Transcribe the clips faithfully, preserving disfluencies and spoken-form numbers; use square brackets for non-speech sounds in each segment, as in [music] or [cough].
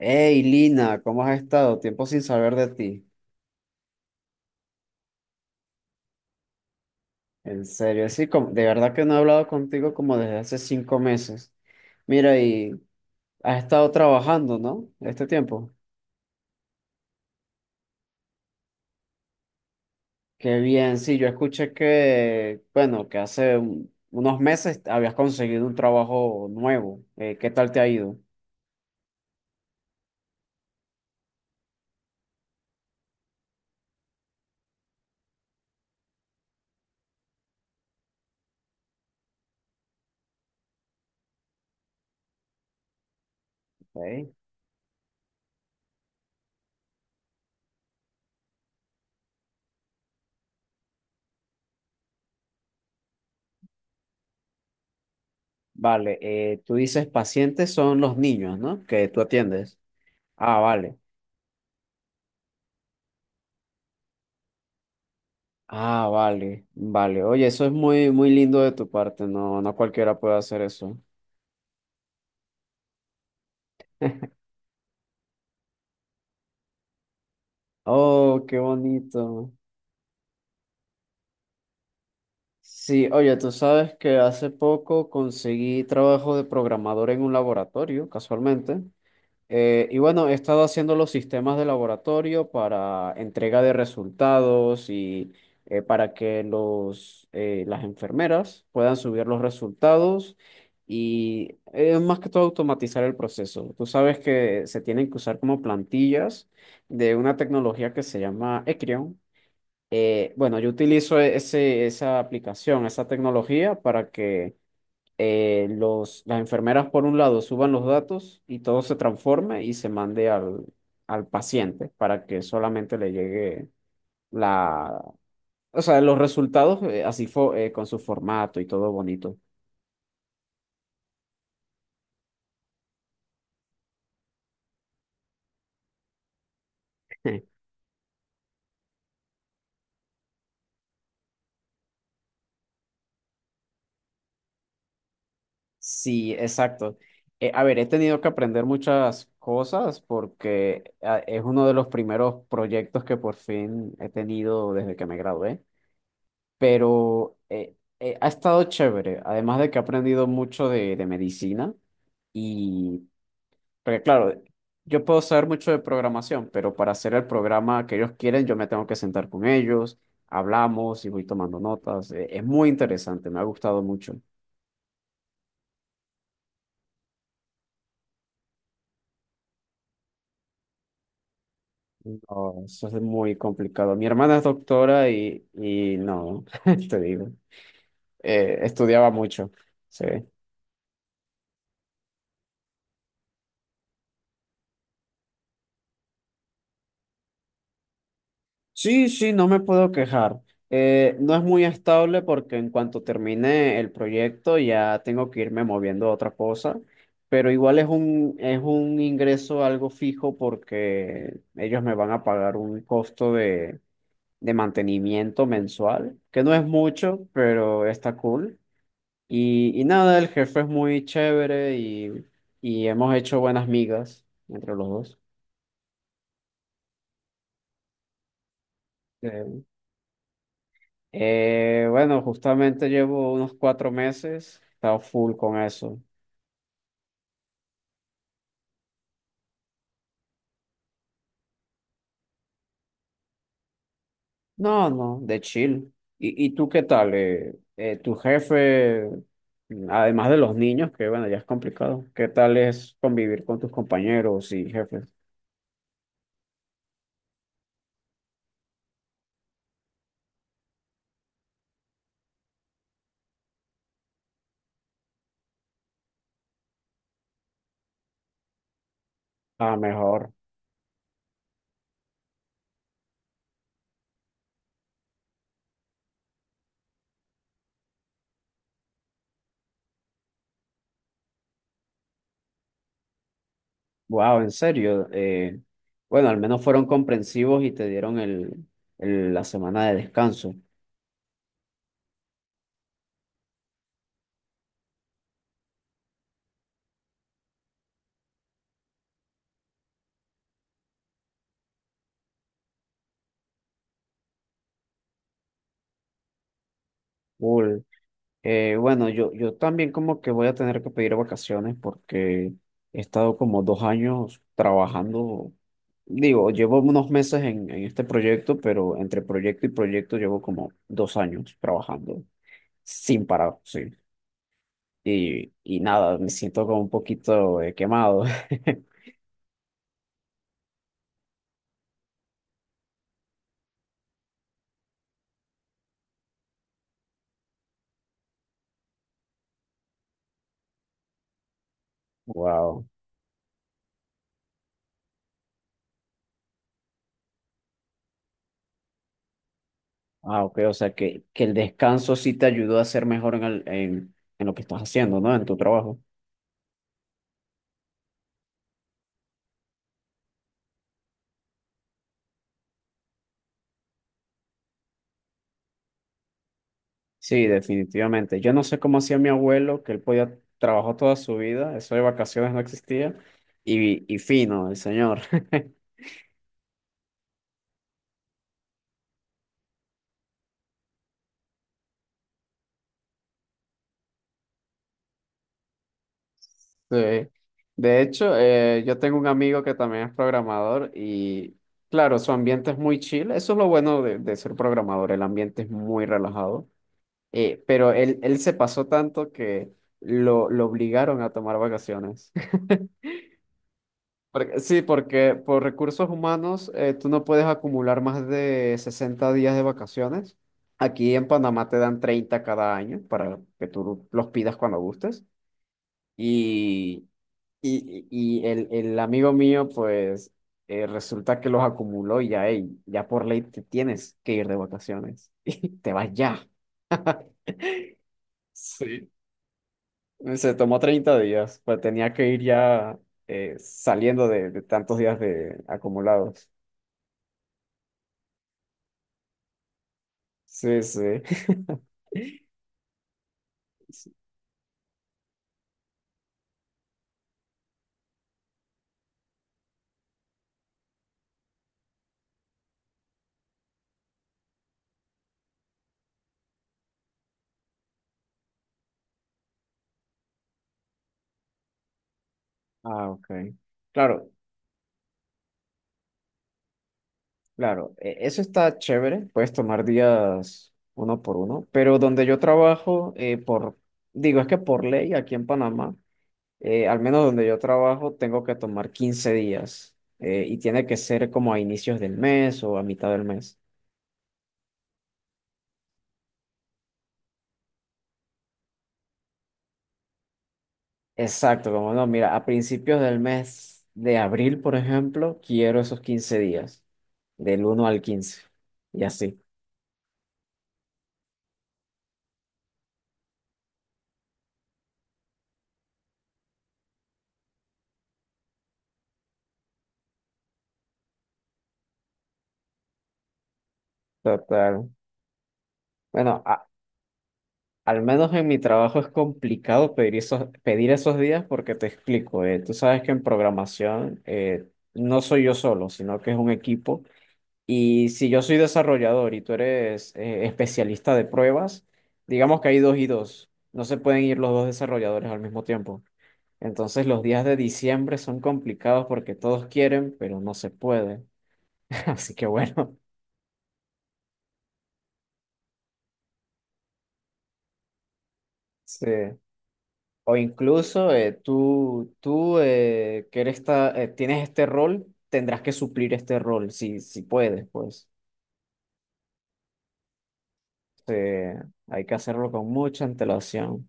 Hey Lina, ¿cómo has estado? Tiempo sin saber de ti. En serio, sí, como- de verdad que no he hablado contigo como desde hace cinco meses. Mira, y has estado trabajando, ¿no? Este tiempo. Qué bien, sí, yo escuché que, bueno, que hace un- unos meses habías conseguido un trabajo nuevo. Eh, ¿qué tal te ha ido? Ok. Vale, eh, tú dices pacientes son los niños, ¿no? Que tú atiendes. Ah, vale. Ah, vale, vale. Oye, eso es muy, muy lindo de tu parte. No, no cualquiera puede hacer eso. Oh, qué bonito. Sí, oye, tú sabes que hace poco conseguí trabajo de programador en un laboratorio, casualmente. Eh, y bueno, he estado haciendo los sistemas de laboratorio para entrega de resultados y eh, para que los, eh, las enfermeras puedan subir los resultados y eh, más que todo automatizar el proceso. Tú sabes que se tienen que usar como plantillas de una tecnología que se llama Ecrion. Eh, bueno, yo utilizo e-, ese, esa aplicación, esa tecnología para que eh, los, las enfermeras por un lado suban los datos y todo se transforme y se mande al, al paciente para que solamente le llegue la, o sea, los resultados eh, así fo- eh, con su formato y todo bonito. [laughs] Sí, exacto. Eh, a ver, he tenido que aprender muchas cosas porque ah, es uno de los primeros proyectos que por fin he tenido desde que me gradué, pero eh, eh, ha estado chévere, además de que he aprendido mucho de, de medicina. Y, porque claro, yo puedo saber mucho de programación, pero para hacer el programa que ellos quieren, yo me tengo que sentar con ellos, hablamos y voy tomando notas. E- Es muy interesante, me ha gustado mucho. No, eso es muy complicado. Mi hermana es doctora y, y no, [laughs] te digo, eh, estudiaba mucho. Sí. Sí, sí, no me puedo quejar. Eh, no es muy estable porque en cuanto termine el proyecto ya tengo que irme moviendo a otra cosa, pero igual es un, es un ingreso algo fijo porque ellos me van a pagar un costo de, de mantenimiento mensual, que no es mucho, pero está cool. Y, y nada, el jefe es muy chévere y, y hemos hecho buenas migas entre los dos. Eh, bueno, justamente llevo unos cuatro meses, he estado full con eso. No, no, de chill. ¿Y, y tú qué tal? Eh, eh, tu jefe, mm, además de los niños, que bueno, ya es complicado, ¿qué tal es convivir con tus compañeros y jefes? Ah, mejor. Wow, en serio. Eh, bueno, al menos fueron comprensivos y te dieron el, el- la semana de descanso. Cool. Eh, bueno, yo, yo también como que voy a tener que pedir vacaciones porque he estado como dos años trabajando. Digo, llevo unos meses en, en este proyecto, pero entre proyecto y proyecto llevo como dos años trabajando sin parar, sí. Y, y nada, me siento como un poquito eh, quemado. [laughs] Wow. Ah, ok, o sea que, que el descanso sí te ayudó a ser mejor en, el- en, en lo que estás haciendo, ¿no? En tu trabajo. Sí, definitivamente. Yo no sé cómo hacía mi abuelo, que él podía trabajar toda su vida, eso de vacaciones no existía, y, y fino, el señor. [laughs] Sí. De hecho, eh, yo tengo un amigo que también es programador y, claro, su ambiente es muy chill, eso es lo bueno de, de ser programador, el ambiente es muy relajado. Eh, pero él, él se pasó tanto que lo, lo obligaron a tomar vacaciones. Porque- sí, porque por recursos humanos eh, tú no puedes acumular más de sesenta días de vacaciones. Aquí en Panamá te dan treinta cada año para que tú los pidas cuando gustes. Y, y, y el, el amigo mío, pues eh, resulta que los acumuló y ya, ey, ya por ley te tienes que ir de vacaciones. [laughs] Y te vas ya. Sí. Se tomó treinta días, pues tenía que ir ya eh, saliendo de, de tantos días de acumulados. Sí, sí. Sí. Ah, ok. Claro, claro. e- Eso está chévere. Puedes tomar días uno por uno. Pero donde yo trabajo, eh, por, digo, es que por ley aquí en Panamá, eh, al menos donde yo trabajo, tengo que tomar quince días. Eh, y tiene que ser como a inicios del mes o a mitad del mes. Exacto, como no, mira, a principios del mes de abril, por ejemplo, quiero esos quince días, del uno al quince. Y así. Total. Bueno, a- Al menos en mi trabajo es complicado pedir esos, pedir esos, días porque te explico, eh, tú sabes que en programación eh, no soy yo solo, sino que es un equipo. Y si yo soy desarrollador y tú eres eh, especialista de pruebas, digamos que hay dos y dos, no se pueden ir los dos desarrolladores al mismo tiempo. Entonces los días de diciembre son complicados porque todos quieren, pero no se puede. [laughs] Así que bueno, [laughs] sí. O incluso eh, tú, tú eh, que eres esta- eh, tienes este rol, tendrás que suplir este rol, si, si puedes, pues. Eh, hay que hacerlo con mucha antelación.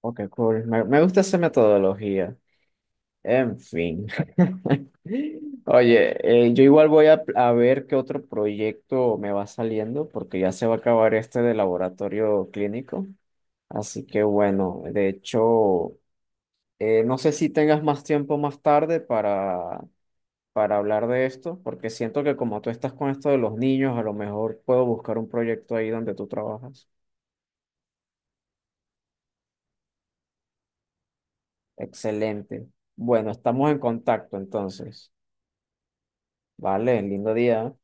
Ok, cool. Me, me gusta esa metodología. En fin. [laughs] Oye, eh, yo igual voy a, a ver qué otro proyecto me va saliendo, porque ya se va a acabar este de laboratorio clínico. Así que bueno, de hecho, eh, no sé si tengas más tiempo más tarde para para hablar de esto, porque siento que como tú estás con esto de los niños, a lo mejor puedo buscar un proyecto ahí donde tú trabajas. Excelente. Bueno, estamos en contacto entonces. Vale, lindo día.